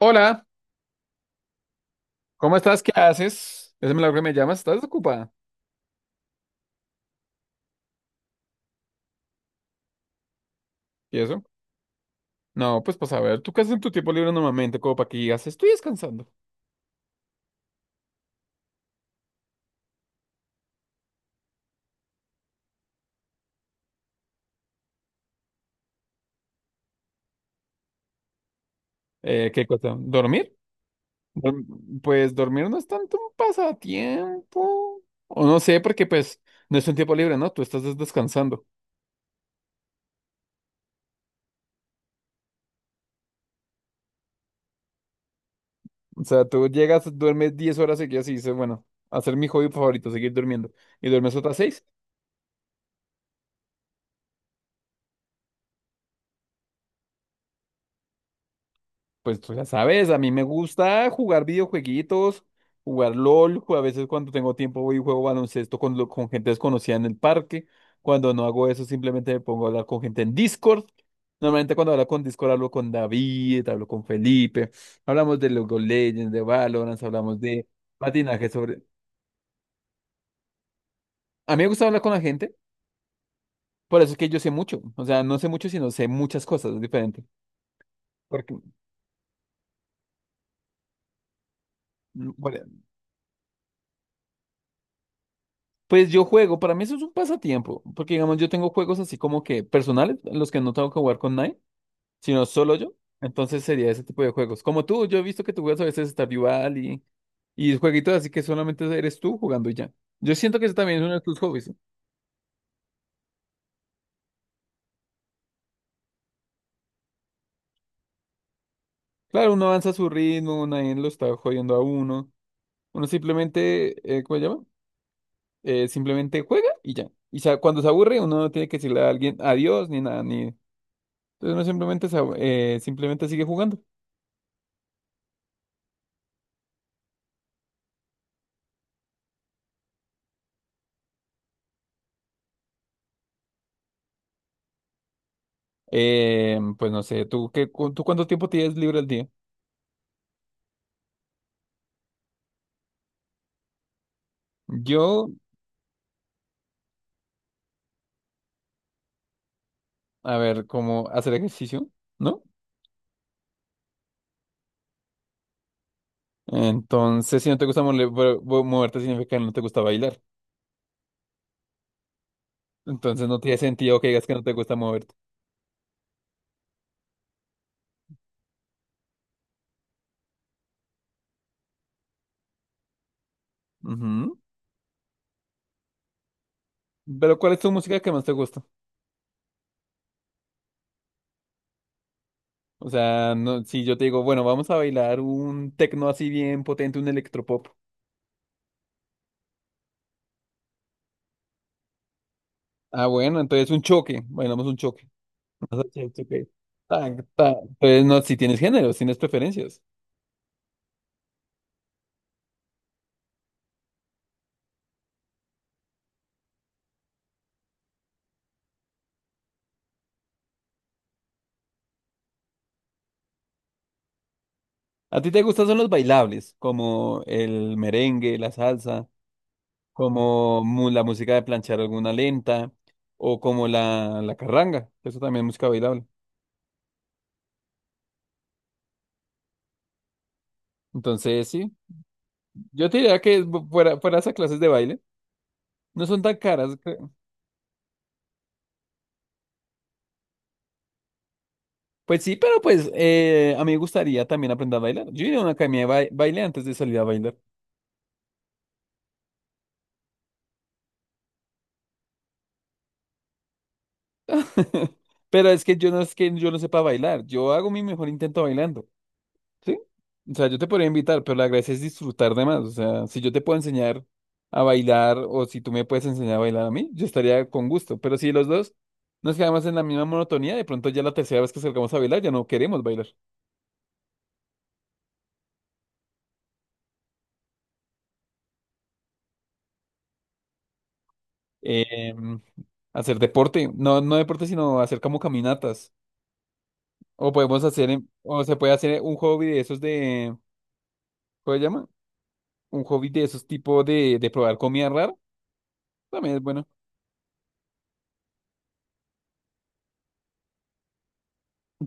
Hola, ¿cómo estás? ¿Qué haces? Es milagro que me llamas, ¿estás desocupada? ¿Y eso? No, pues para saber, ¿tú qué haces en tu tiempo libre normalmente? Como para que digas, estoy descansando. ¿Qué cosa? ¿Dormir? Dorm- Pues dormir no es tanto un pasatiempo. O no sé, porque pues no es un tiempo libre, ¿no? Tú estás descansando. O sea, tú llegas, duermes 10 horas seguidas y dices, bueno, hacer mi hobby favorito, seguir durmiendo. Y duermes otras 6. Pues tú ya sabes, a mí me gusta jugar videojueguitos, jugar LOL, a veces cuando tengo tiempo voy y juego baloncesto con, con gente desconocida en el parque. Cuando no hago eso, simplemente me pongo a hablar con gente en Discord. Normalmente cuando hablo con Discord hablo con David, hablo con Felipe, hablamos de League of Legends, de Valorant, hablamos de patinaje sobre... A mí me gusta hablar con la gente, por eso es que yo sé mucho. O sea, no sé mucho, sino sé muchas cosas, es diferente. Porque, bueno, pues yo juego, para mí eso es un pasatiempo, porque digamos yo tengo juegos así como que personales, en los que no tengo que jugar con nadie, sino solo yo. Entonces sería ese tipo de juegos. Como tú, yo he visto que tú juegas a veces Stardew Valley y jueguitos así que solamente eres tú jugando y ya. Yo siento que eso también es uno de tus hobbies, ¿no? Claro, uno avanza a su ritmo, nadie lo está jodiendo a uno. Uno simplemente, ¿cómo se llama? Simplemente juega y ya. Y cuando se aburre, uno no tiene que decirle a alguien adiós ni nada, ni... Entonces uno simplemente, simplemente sigue jugando. Pues no sé, ¿tú, tú cuánto tiempo tienes libre al día? Yo, a ver, como hacer ejercicio, ¿no? Entonces, si no te gusta moverte, significa que no te gusta bailar. Entonces, no tiene sentido que digas que no te gusta moverte. Ujú. Pero, ¿cuál es tu música que más te gusta? O sea, no, si yo te digo, bueno, vamos a bailar un tecno así bien potente, un electropop. Ah, bueno, entonces un choque. Bailamos un choque. Vas a hacer choque. Tac, tac. Entonces, no, si tienes géneros, tienes preferencias. ¿A ti te gustan son los bailables, como el merengue, la salsa, como la música de planchar alguna lenta, o como la carranga, que eso también es música bailable. Entonces, sí, yo te diría que fuera esas clases de baile, no son tan caras, creo. Pues sí, pero pues a mí me gustaría también aprender a bailar. Yo iría a una academia de baile antes de salir a bailar. Pero es que yo no, es que yo no sepa bailar, yo hago mi mejor intento bailando. Sí, o sea, yo te podría invitar, pero la gracia es disfrutar de más. O sea, si yo te puedo enseñar a bailar o si tú me puedes enseñar a bailar a mí, yo estaría con gusto. Pero si los dos nos quedamos en la misma monotonía, de pronto ya la tercera vez que salgamos a bailar ya no queremos bailar. Eh, hacer deporte, no, no deporte, sino hacer como caminatas. O podemos hacer, o se puede hacer un hobby de esos de, ¿cómo se llama? Un hobby de esos tipo de probar comida rara. También es bueno.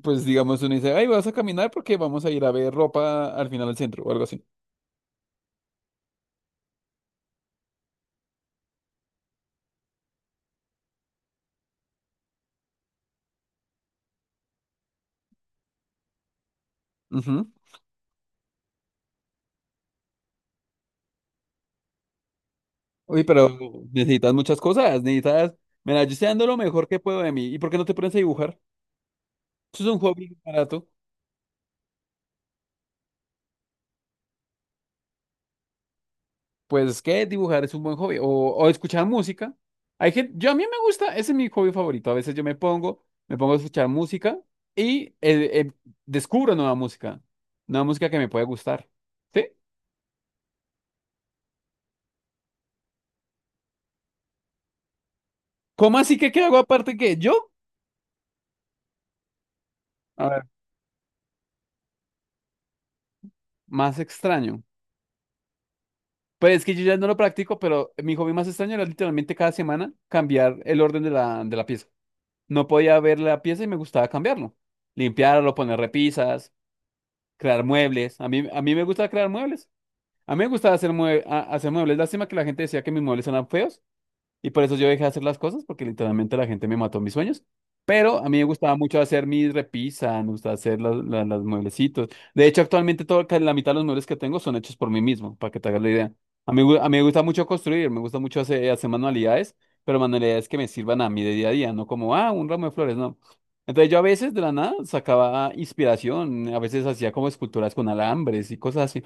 Pues digamos, uno dice, ay, vas a caminar porque vamos a ir a ver ropa al final del centro o algo así. Ujú. Uy, pero necesitas muchas cosas, necesitas, mira, yo estoy dando lo mejor que puedo de mí. ¿Y por qué no te pones a dibujar? Eso es un hobby barato. Pues que dibujar es un buen hobby. O escuchar música. Hay gente, yo a mí me gusta, ese es mi hobby favorito. A veces yo me pongo a escuchar música y descubro nueva música. Nueva música que me puede gustar. ¿Sí? ¿Cómo así que qué hago aparte que yo? A ver, más extraño. Pues es que yo ya no lo practico, pero mi hobby más extraño era literalmente cada semana cambiar el orden de la pieza. No podía ver la pieza y me gustaba cambiarlo. Limpiarlo, poner repisas, crear muebles. A mí me gusta crear muebles. A mí me gustaba hacer, hacer muebles. Lástima que la gente decía que mis muebles eran feos. Y por eso yo dejé de hacer las cosas, porque literalmente la gente me mató mis sueños. Pero a mí me gustaba mucho hacer mis repisas, me gustaba hacer las mueblecitos. De hecho, actualmente todo, casi la mitad de los muebles que tengo son hechos por mí mismo, para que te hagas la idea. A mí me gusta mucho construir, me gusta mucho hacer, hacer manualidades, pero manualidades que me sirvan a mí de día a día, no como, ah, un ramo de flores, no. Entonces yo a veces de la nada sacaba inspiración, a veces hacía como esculturas con alambres y cosas así.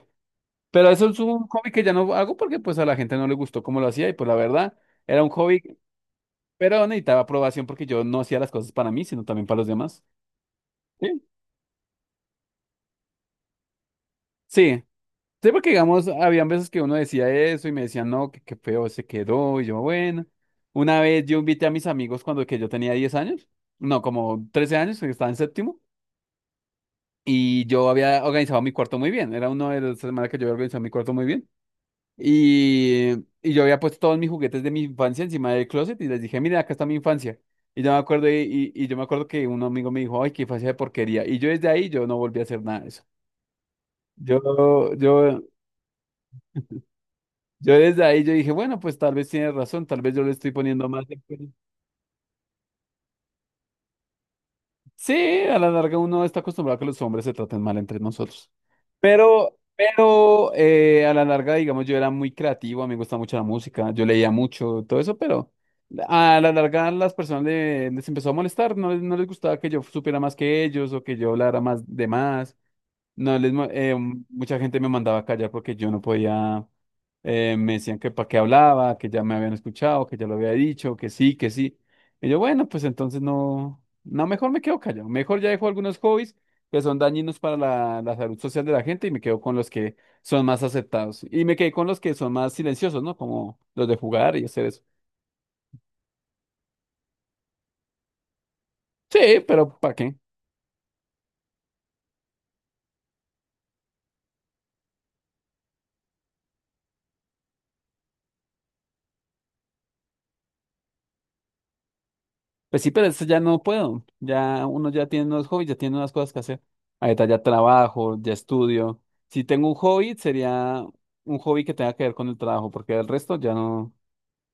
Pero eso es un hobby que ya no hago porque pues a la gente no le gustó cómo lo hacía y pues la verdad. Era un hobby pero necesitaba aprobación porque yo no hacía las cosas para mí, sino también para los demás. Sí. Sí, sí, porque digamos, habían veces que uno decía eso y me decían, no, que qué feo se quedó. Y yo, bueno. Una vez yo invité a mis amigos cuando que yo tenía 10 años, no, como 13 años, que estaba en séptimo, y yo había organizado mi cuarto muy bien. Era uno de las semanas que yo había organizado mi cuarto muy bien. Y, y yo había puesto todos mis juguetes de mi infancia encima del closet y les dije, miren, acá está mi infancia. Y yo me acuerdo, y yo me acuerdo que un amigo me dijo, ay, qué infancia de porquería. Y yo desde ahí yo no volví a hacer nada de eso. Yo, yo, yo desde ahí yo dije, bueno, pues tal vez tiene razón, tal vez yo le estoy poniendo más. Sí, a la larga uno está acostumbrado a que los hombres se traten mal entre nosotros. Pero a la larga, digamos, yo era muy creativo, a mí me gusta mucho la música, yo leía mucho, todo eso, pero a la larga las personas les empezó a molestar, no, no les gustaba que yo supiera más que ellos o que yo hablara más de más. No, mucha gente me mandaba a callar porque yo no podía, me decían que para qué hablaba, que ya me habían escuchado, que ya lo había dicho, que sí, que sí. Y yo, bueno, pues entonces no, no, mejor me quedo callado, mejor ya dejo algunos hobbies que son dañinos para la salud social de la gente y me quedo con los que son más aceptados. Y me quedé con los que son más silenciosos, ¿no? Como los de jugar y hacer eso. Sí, pero ¿para qué? Pues sí, pero eso ya no puedo. Ya uno ya tiene unos hobbies, ya tiene unas cosas que hacer. Ahorita ya trabajo, ya estudio. Si tengo un hobby, sería un hobby que tenga que ver con el trabajo, porque el resto ya no,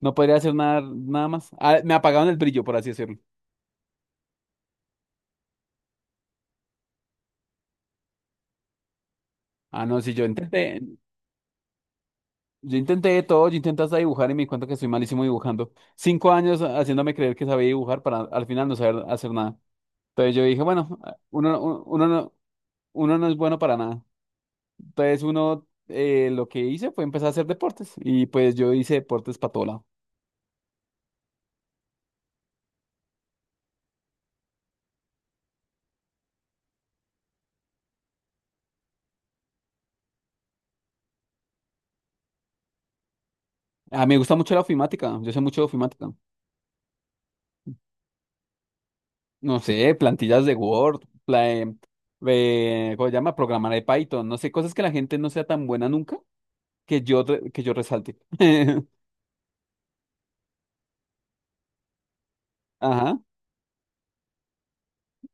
no podría hacer nada, nada más. Ah, me apagaron el brillo, por así decirlo. Ah, no, si yo intenté, yo intenté de todo, yo intenté hasta dibujar y me di cuenta que soy malísimo dibujando. 5 años haciéndome creer que sabía dibujar para al final no saber hacer nada. Entonces yo dije, bueno, uno, uno, uno no uno no es bueno para nada. Entonces uno lo que hice fue empezar a hacer deportes y pues yo hice deportes para todo lado. Ah, me gusta mucho la ofimática, yo sé mucho de ofimática. No sé, plantillas de Word, ¿cómo se llama? Programar de Python, no sé, cosas que la gente no sea tan buena nunca que yo, que yo resalte. Ajá.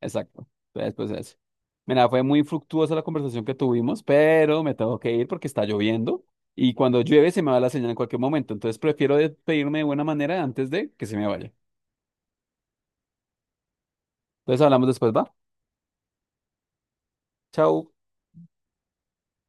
Exacto. Entonces, pues eso. Mira, fue muy fructuosa la conversación que tuvimos, pero me tengo que ir porque está lloviendo y cuando llueve se me va la señal en cualquier momento. Entonces prefiero despedirme de buena manera antes de que se me vaya. Entonces hablamos después, ¿va? Chao.